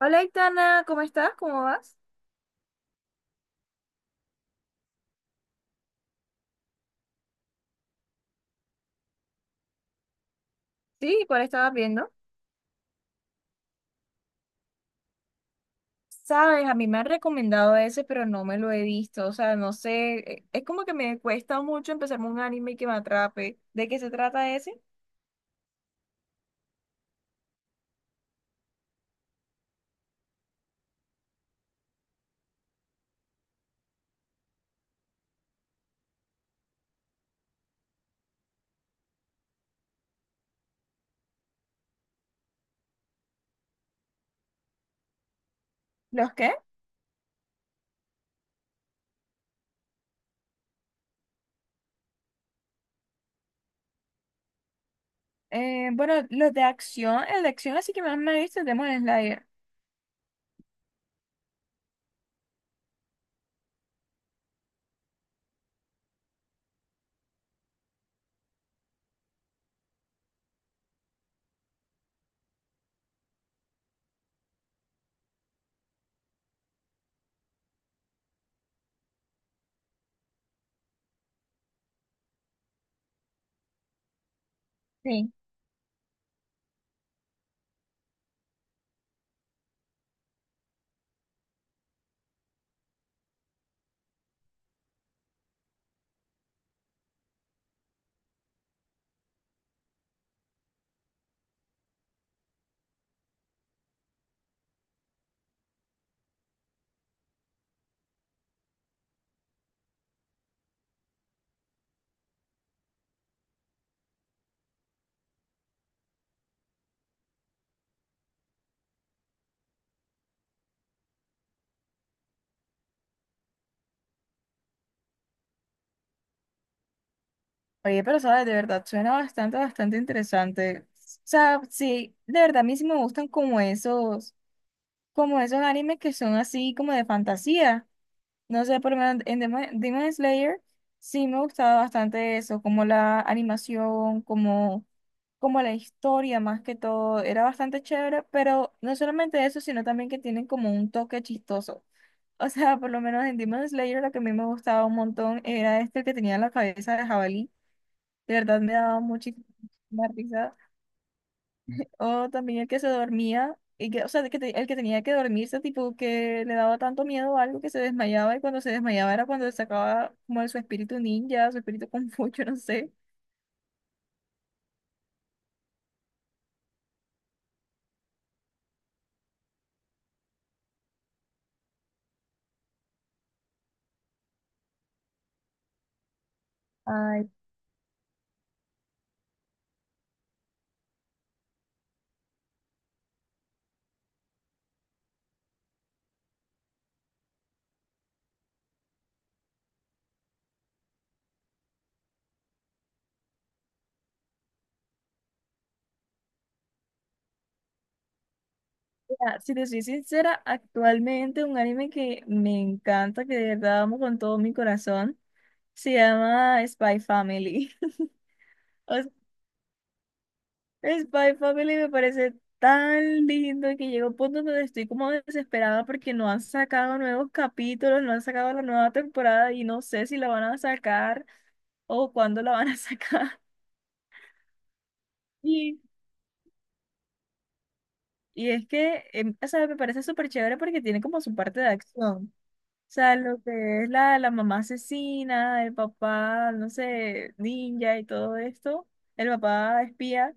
Hola, Itana, ¿cómo estás? ¿Cómo vas? Sí, ¿cuál estabas viendo? Sabes, a mí me han recomendado ese, pero no me lo he visto. O sea, no sé, es como que me cuesta mucho empezarme un anime que me atrape. ¿De qué se trata ese? ¿Los qué? Bueno, los de acción, el de acción así que más me he visto es Demon Slayer. Sí. Oye, pero sabes, de verdad, suena bastante, bastante interesante. O sea, sí, de verdad, a mí sí me gustan como esos animes que son así como de fantasía. No sé, por lo menos en Demon Slayer sí me gustaba bastante eso, como la animación, como, como la historia más que todo, era bastante chévere, pero no solamente eso, sino también que tienen como un toque chistoso. O sea, por lo menos en Demon Slayer lo que a mí me gustaba un montón era este que tenía la cabeza de jabalí, de verdad me daba muchísima risa, o también el que se dormía, y que, o sea, el que tenía que dormirse, tipo que le daba tanto miedo a algo que se desmayaba y cuando se desmayaba era cuando sacaba como de su espíritu ninja, su espíritu confucho, no sé. Ay, mira, si te soy sincera, actualmente un anime que me encanta, que de verdad amo con todo mi corazón, se llama Spy Family. O Spy Family me parece tan lindo que llega un punto donde estoy como desesperada porque no han sacado nuevos capítulos, no han sacado la nueva temporada y no sé si la van a sacar o cuándo la van a sacar. Y, y es que, o sea, me parece súper chévere porque tiene como su parte de acción. O sea, lo que es la mamá asesina, el papá, no sé, ninja y todo esto, el papá espía.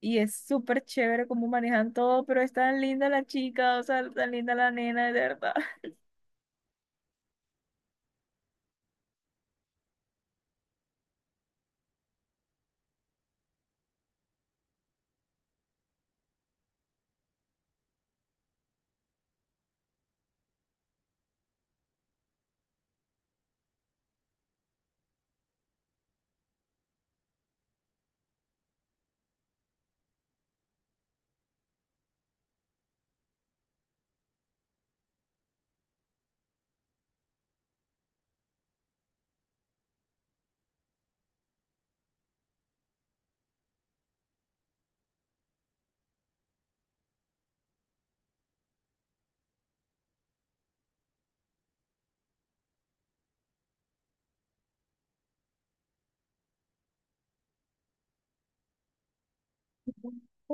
Y es súper chévere cómo manejan todo, pero es tan linda la chica, o sea, tan linda la nena, de verdad.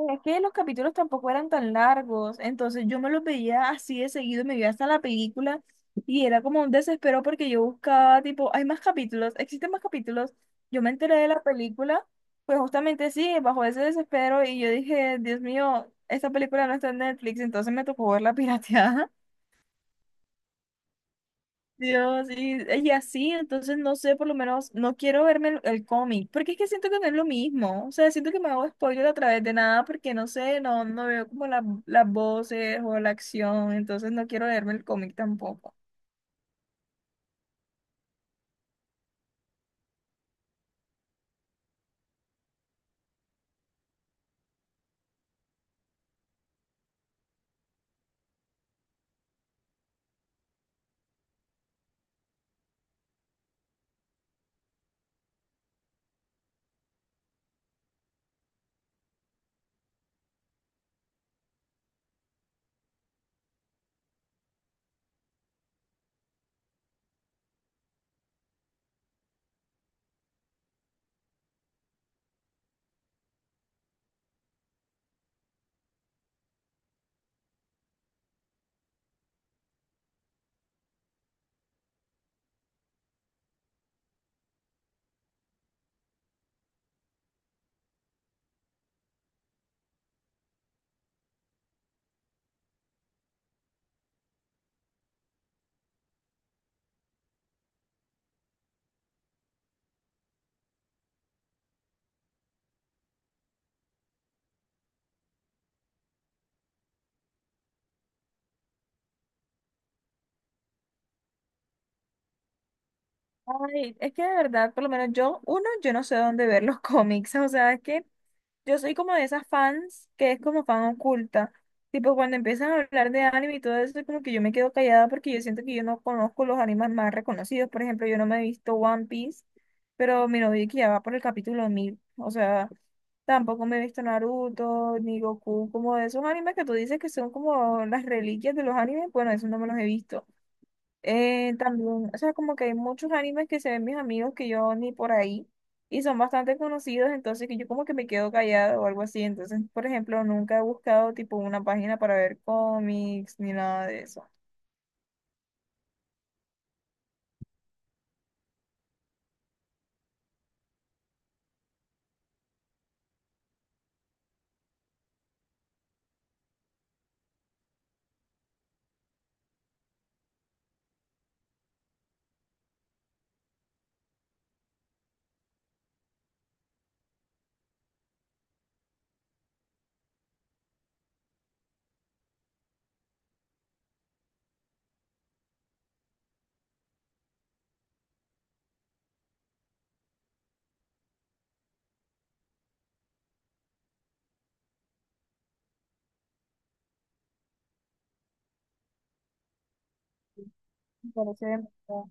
Es que los capítulos tampoco eran tan largos, entonces yo me los veía así de seguido, me veía hasta la película y era como un desespero porque yo buscaba, tipo, hay más capítulos, existen más capítulos. Yo me enteré de la película, pues justamente sí, bajo ese desespero y yo dije, Dios mío, esta película no está en Netflix, entonces me tocó verla pirateada. Dios, y así, entonces no sé, por lo menos no quiero verme el cómic, porque es que siento que no es lo mismo, o sea, siento que me hago spoiler a través de nada, porque no sé, no veo como las voces o la acción, entonces no quiero verme el cómic tampoco. Ay, es que de verdad, por lo menos yo, uno, yo no sé dónde ver los cómics, o sea, es que yo soy como de esas fans que es como fan oculta. Tipo, cuando empiezan a hablar de anime y todo eso, como que yo me quedo callada porque yo siento que yo no conozco los animes más reconocidos. Por ejemplo, yo no me he visto One Piece, pero mi novio que ya va por el capítulo 1000. O sea, tampoco me he visto Naruto, ni Goku, como de esos animes que tú dices que son como las reliquias de los animes. Bueno, eso no me los he visto. También, o sea, como que hay muchos animes que se ven mis amigos que yo ni por ahí y son bastante conocidos, entonces que yo como que me quedo callado o algo así. Entonces, por ejemplo, nunca he buscado tipo una página para ver cómics ni nada de eso. Me parece demasiado.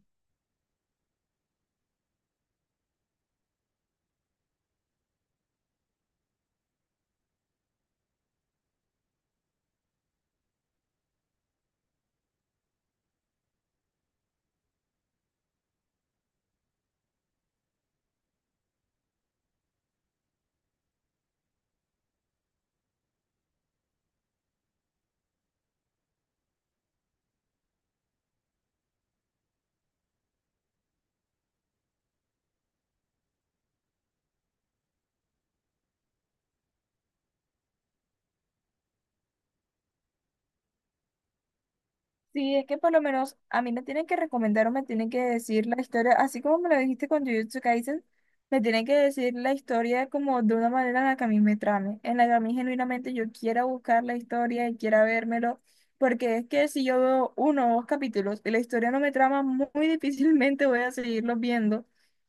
Sí, es que por lo menos a mí me tienen que recomendar o me tienen que decir la historia, así como me lo dijiste con Jujutsu Kaisen, me tienen que decir la historia como de una manera en la que a mí me trame, en la que a mí genuinamente yo quiera buscar la historia y quiera vérmelo, porque es que si yo veo uno o dos capítulos y la historia no me trama, muy, muy difícilmente voy a seguirlos viendo,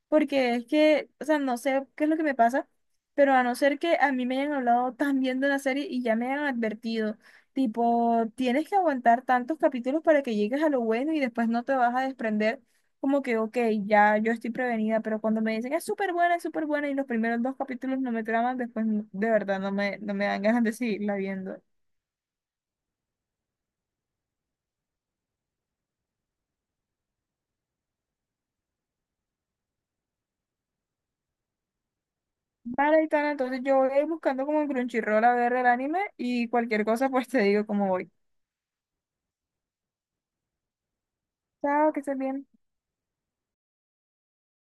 porque es que, o sea, no sé qué es lo que me pasa, pero a no ser que a mí me hayan hablado tan bien de la serie y ya me hayan advertido. Tipo, tienes que aguantar tantos capítulos para que llegues a lo bueno y después no te vas a desprender, como que, ok, ya yo estoy prevenida, pero cuando me dicen es súper buena y los primeros dos capítulos no me traman, después de verdad no me, no me dan ganas de seguirla viendo. Vale, Itana, entonces yo voy a ir buscando como en Crunchyroll a ver el anime y cualquier cosa pues te digo cómo voy. Chao, que estés bien.